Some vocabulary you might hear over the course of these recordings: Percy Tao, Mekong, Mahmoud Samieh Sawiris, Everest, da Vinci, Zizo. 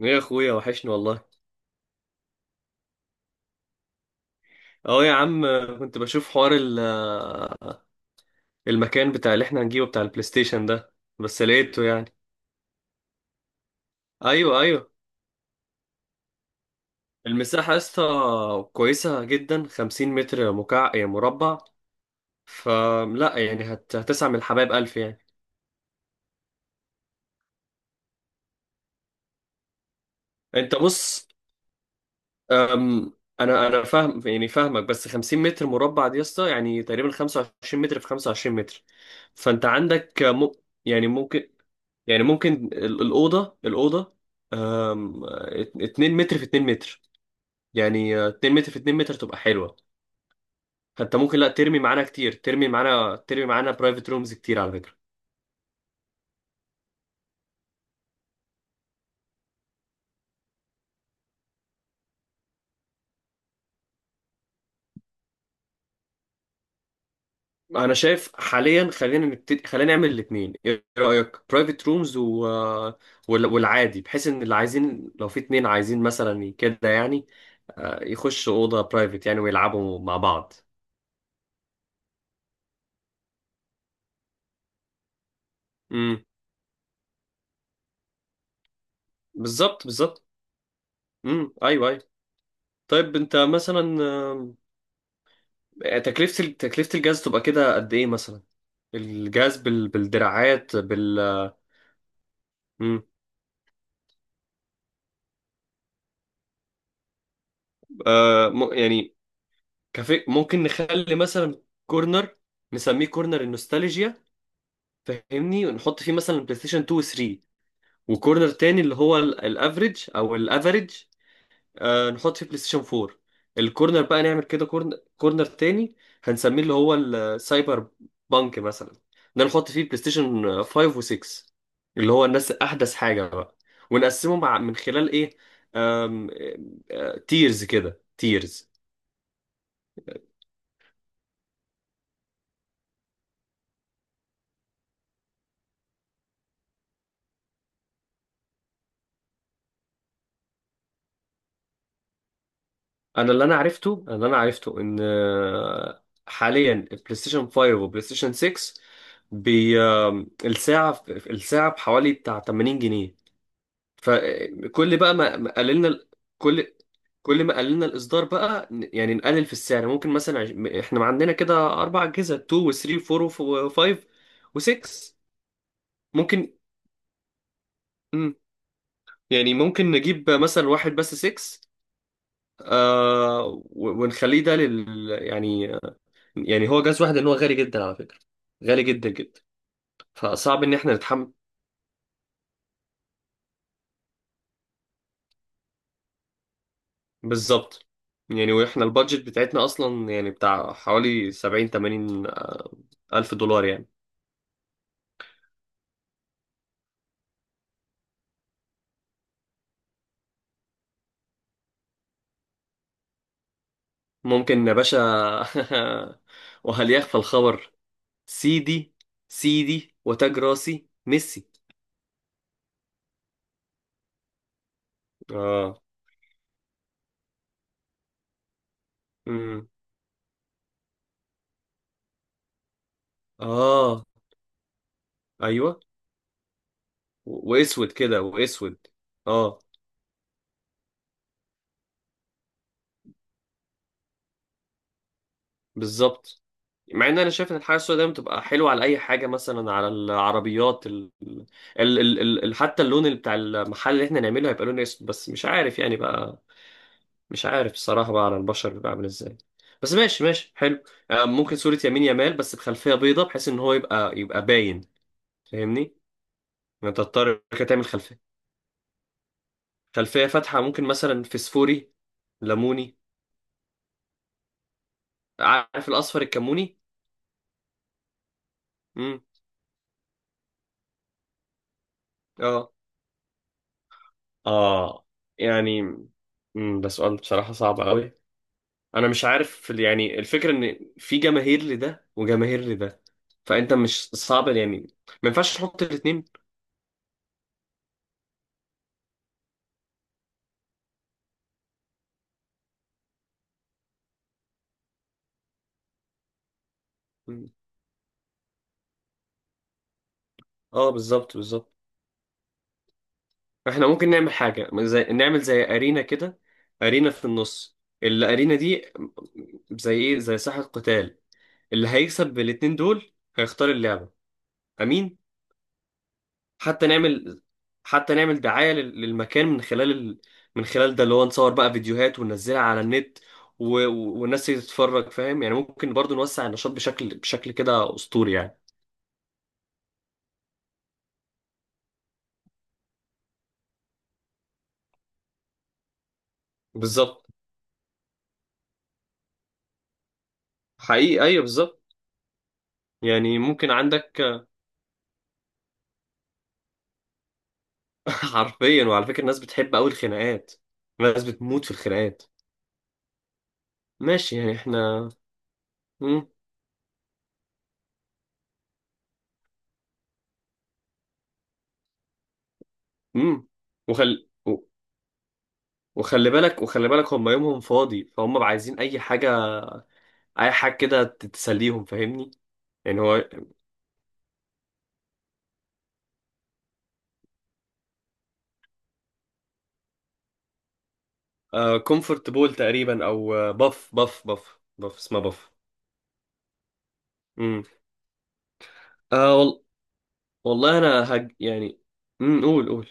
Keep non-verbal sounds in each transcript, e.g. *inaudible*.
يا اخويا وحشني والله. اه يا عم، كنت بشوف حوار المكان بتاع اللي احنا هنجيبه بتاع البلاي ستيشن ده، بس لقيته يعني. ايوه ايوه، المساحه يا اسطى كويسه جدا. 50 متر يعني مربع. فلا يعني هتسعى من الحبايب الف يعني. انت بص. أم... انا فاهم يعني فاهمك، بس 50 متر مربع دي يا اسطى يعني تقريبا 25 متر في 25 متر. فانت عندك يعني ممكن، يعني ممكن الأوضة اتنين متر في اتنين متر. يعني اتنين متر في اتنين متر تبقى حلوة. حتى ممكن لا ترمي معانا كتير، ترمي معانا برايفت رومز كتير على فكرة. أنا شايف حاليا خلينا نبتدي، خلينا نعمل الاتنين. إيه رأيك برايفت رومز و... آه، والعادي، بحيث إن اللي عايزين لو في اتنين عايزين مثلا كده يعني يخشوا أوضة برايفت يعني ويلعبوا مع بعض. امم بالظبط بالظبط. أيوه أيوه. طيب أنت مثلا، تكلفة تكلفة الجهاز تبقى كده قد ايه مثلا؟ الجهاز بالدراعات مم. يعني ممكن نخلي مثلا كورنر، نسميه كورنر النوستالجيا، فاهمني؟ ونحط فيه مثلا بلاي ستيشن 2 و 3. وكورنر تاني اللي هو الافريج او الافريج، آه، نحط فيه بلاي ستيشن 4. الكورنر بقى نعمل كده، كورنر تاني هنسميه اللي هو السايبر بانك مثلا، ده نحط فيه بلاي ستيشن 5 و6، اللي هو الناس احدث حاجه بقى. ونقسمه مع من خلال ايه؟ آم... آه، تيرز كده تيرز. انا اللي انا عرفته ان حاليا البلاي ستيشن 5 وبلاي ستيشن 6 بي آم، الساعه بحوالي بتاع 80 جنيه. فكل بقى ما قللنا كل كل ما قللنا الاصدار بقى يعني نقلل في السعر. ممكن مثلا احنا ما عندنا كده اربع اجهزه، 2 و3 و4 و5 و6. ممكن. مم. يعني ممكن نجيب مثلا واحد بس 6، آه، ونخليه ده لل يعني. يعني هو جهاز واحد لان هو غالي جدا على فكره، غالي جدا جدا، فصعب ان احنا نتحمل. بالظبط. يعني واحنا البادجت بتاعتنا اصلا يعني بتاع حوالي 70 80 الف دولار يعني. ممكن يا باشا. *laughs* وهل يخفى الخبر؟ سيدي، سيدي وتاج راسي ميسي. اه. امم، اه ايوه. واسود كده واسود. اه بالظبط. مع ان انا شايف ان الحاجه السوداء دايما بتبقى حلوه على اي حاجه، مثلا على العربيات حتى اللون اللي بتاع المحل اللي احنا نعمله هيبقى لون اسود، بس مش عارف يعني بقى، مش عارف الصراحة بقى على البشر بيبقى عامل ازاي. بس ماشي ماشي حلو. آه، ممكن صورة يمين يمال بس بخلفية بيضة، بحيث ان هو يبقى باين، فاهمني يعني. انت تضطر كده تعمل خلفية، خلفية فاتحة، ممكن مثلا فسفوري، ليموني. عارف الأصفر الكموني؟ امم. اه اه يعني. امم، ده سؤال بصراحة صعب قوي. انا مش عارف، في يعني الفكرة ان في جماهير لده وجماهير لده، فانت مش صعب يعني، ما ينفعش تحط الاتنين. مم. اه بالظبط بالظبط. احنا ممكن نعمل حاجة زي، نعمل زي أرينا كده. أرينا في النص، الأرينا دي زي ايه؟ زي ساحة قتال، اللي هيكسب بالاتنين دول هيختار اللعبة. أمين. حتى نعمل حتى نعمل دعاية للمكان من خلال من خلال ده، اللي هو نصور بقى فيديوهات وننزلها على النت، والناس تتفرج، فاهم يعني. ممكن برضو نوسع النشاط بشكل كده أسطوري يعني. بالظبط. حقيقي أيوه بالظبط. يعني ممكن عندك. *laughs* حرفيا. وعلى فكرة الناس بتحب أوي الخناقات، الناس بتموت في الخناقات. ماشي يعني احنا. مم. مم. وخل... و- وخلي بالك، وخلي بالك، هم يومهم فاضي فهم بقى عايزين أي حاجة، أي حاجة كده تسليهم، فاهمني؟ يعني هو كومفورت بول تقريبا، أو باف باف باف باف، اسمها باف. مم. آه وال... والله أنا يعني. مم. قول قول.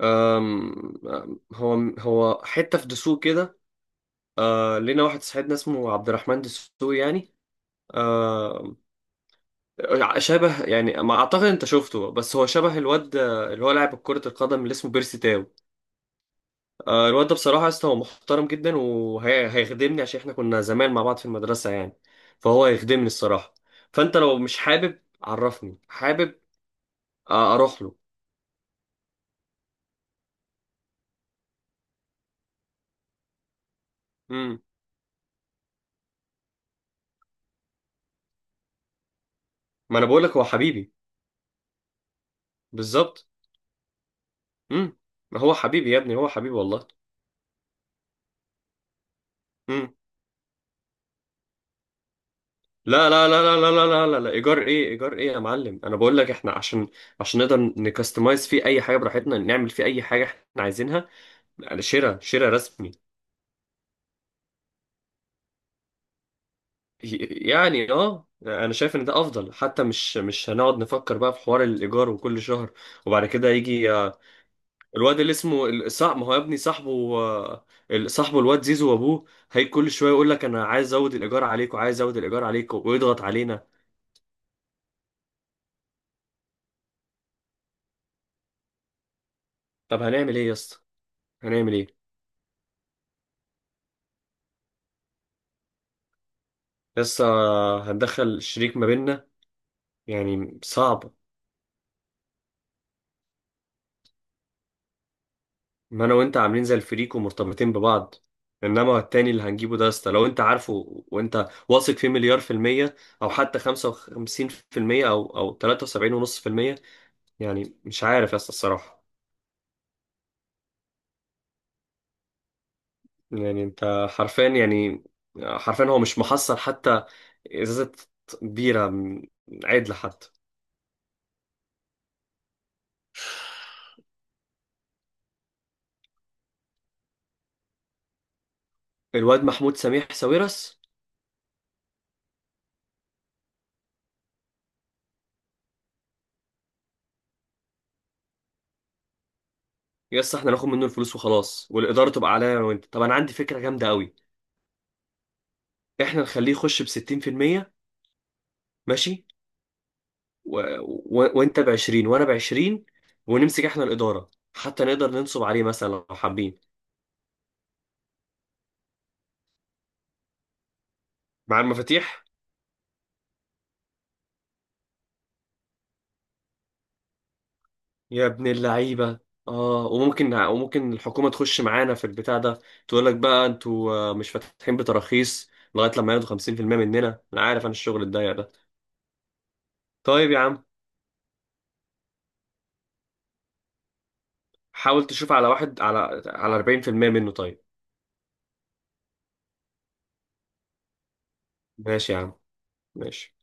أم... أم، هو حتة في دسوق كده. آه، لينا واحد صاحبنا اسمه عبد الرحمن دسوقي يعني. آه، شبه يعني ما اعتقد انت شفته، بس هو شبه الواد اللي هو لاعب كرة القدم اللي اسمه بيرسي تاو. آه، الواد ده بصراحة يا اسطى هو محترم جدا وهيخدمني، عشان احنا كنا زمان مع بعض في المدرسة يعني، فهو هيخدمني الصراحة. فانت لو مش حابب عرفني، حابب، آه، اروح له. امم. ما انا بقول لك هو حبيبي. بالظبط. امم. ما هو حبيبي يا ابني، هو حبيبي والله. لا لا لا لا لا لا لا لا لا، ايجار ايه، ايجار ايه يا معلم؟ انا بقول لك احنا عشان، عشان نقدر نكستمايز فيه اي حاجه براحتنا، نعمل فيه اي حاجه احنا عايزينها. يعني شراء، شراء رسمي. يعني اه انا شايف ان ده افضل، حتى مش هنقعد نفكر بقى في حوار الايجار وكل شهر. وبعد كده يجي آه، الواد اللي اسمه ما هو يا ابني صاحبه، آه، صاحبه الواد زيزو وابوه. هي كل شويه يقول لك انا عايز ازود الايجار عليكم، عايز ازود الايجار عليكم، ويضغط علينا. طب هنعمل ايه يا اسطى؟ هنعمل ايه؟ لسه هندخل الشريك ما بيننا؟ يعني صعب، ما انا وانت عاملين زي الفريق ومرتبطين ببعض. انما التاني اللي هنجيبه ده اسطى، لو انت عارفه وانت واثق فيه مليار في المية، او حتى خمسة وخمسين في المية، او تلاتة وسبعين ونص في المية، يعني مش عارف يا اسطى الصراحة. يعني انت حرفيا يعني، حرفيا هو مش محصل حتى ازازة بيرة عدل حتى. الواد محمود سميح ساويرس. يس احنا ناخد منه الفلوس وخلاص، والاداره تبقى عليا انا وانت. طب انا عندي فكره جامده قوي، احنا نخليه يخش ب 60%، ماشي، و... وانت ب 20 وانا ب 20، ونمسك احنا الاداره، حتى نقدر ننصب عليه مثلا لو حابين، مع المفاتيح. يا ابن اللعيبه. اه، وممكن الحكومه تخش معانا في البتاع ده، تقول لك بقى انتوا آه، مش فاتحين بتراخيص، لغايه لما ياخدوا 50% مننا. انا عارف انا الشغل الضيق ده. طيب يا عم، حاول تشوف على واحد على 40% منه، طيب. ماشي يا عم. ماشي.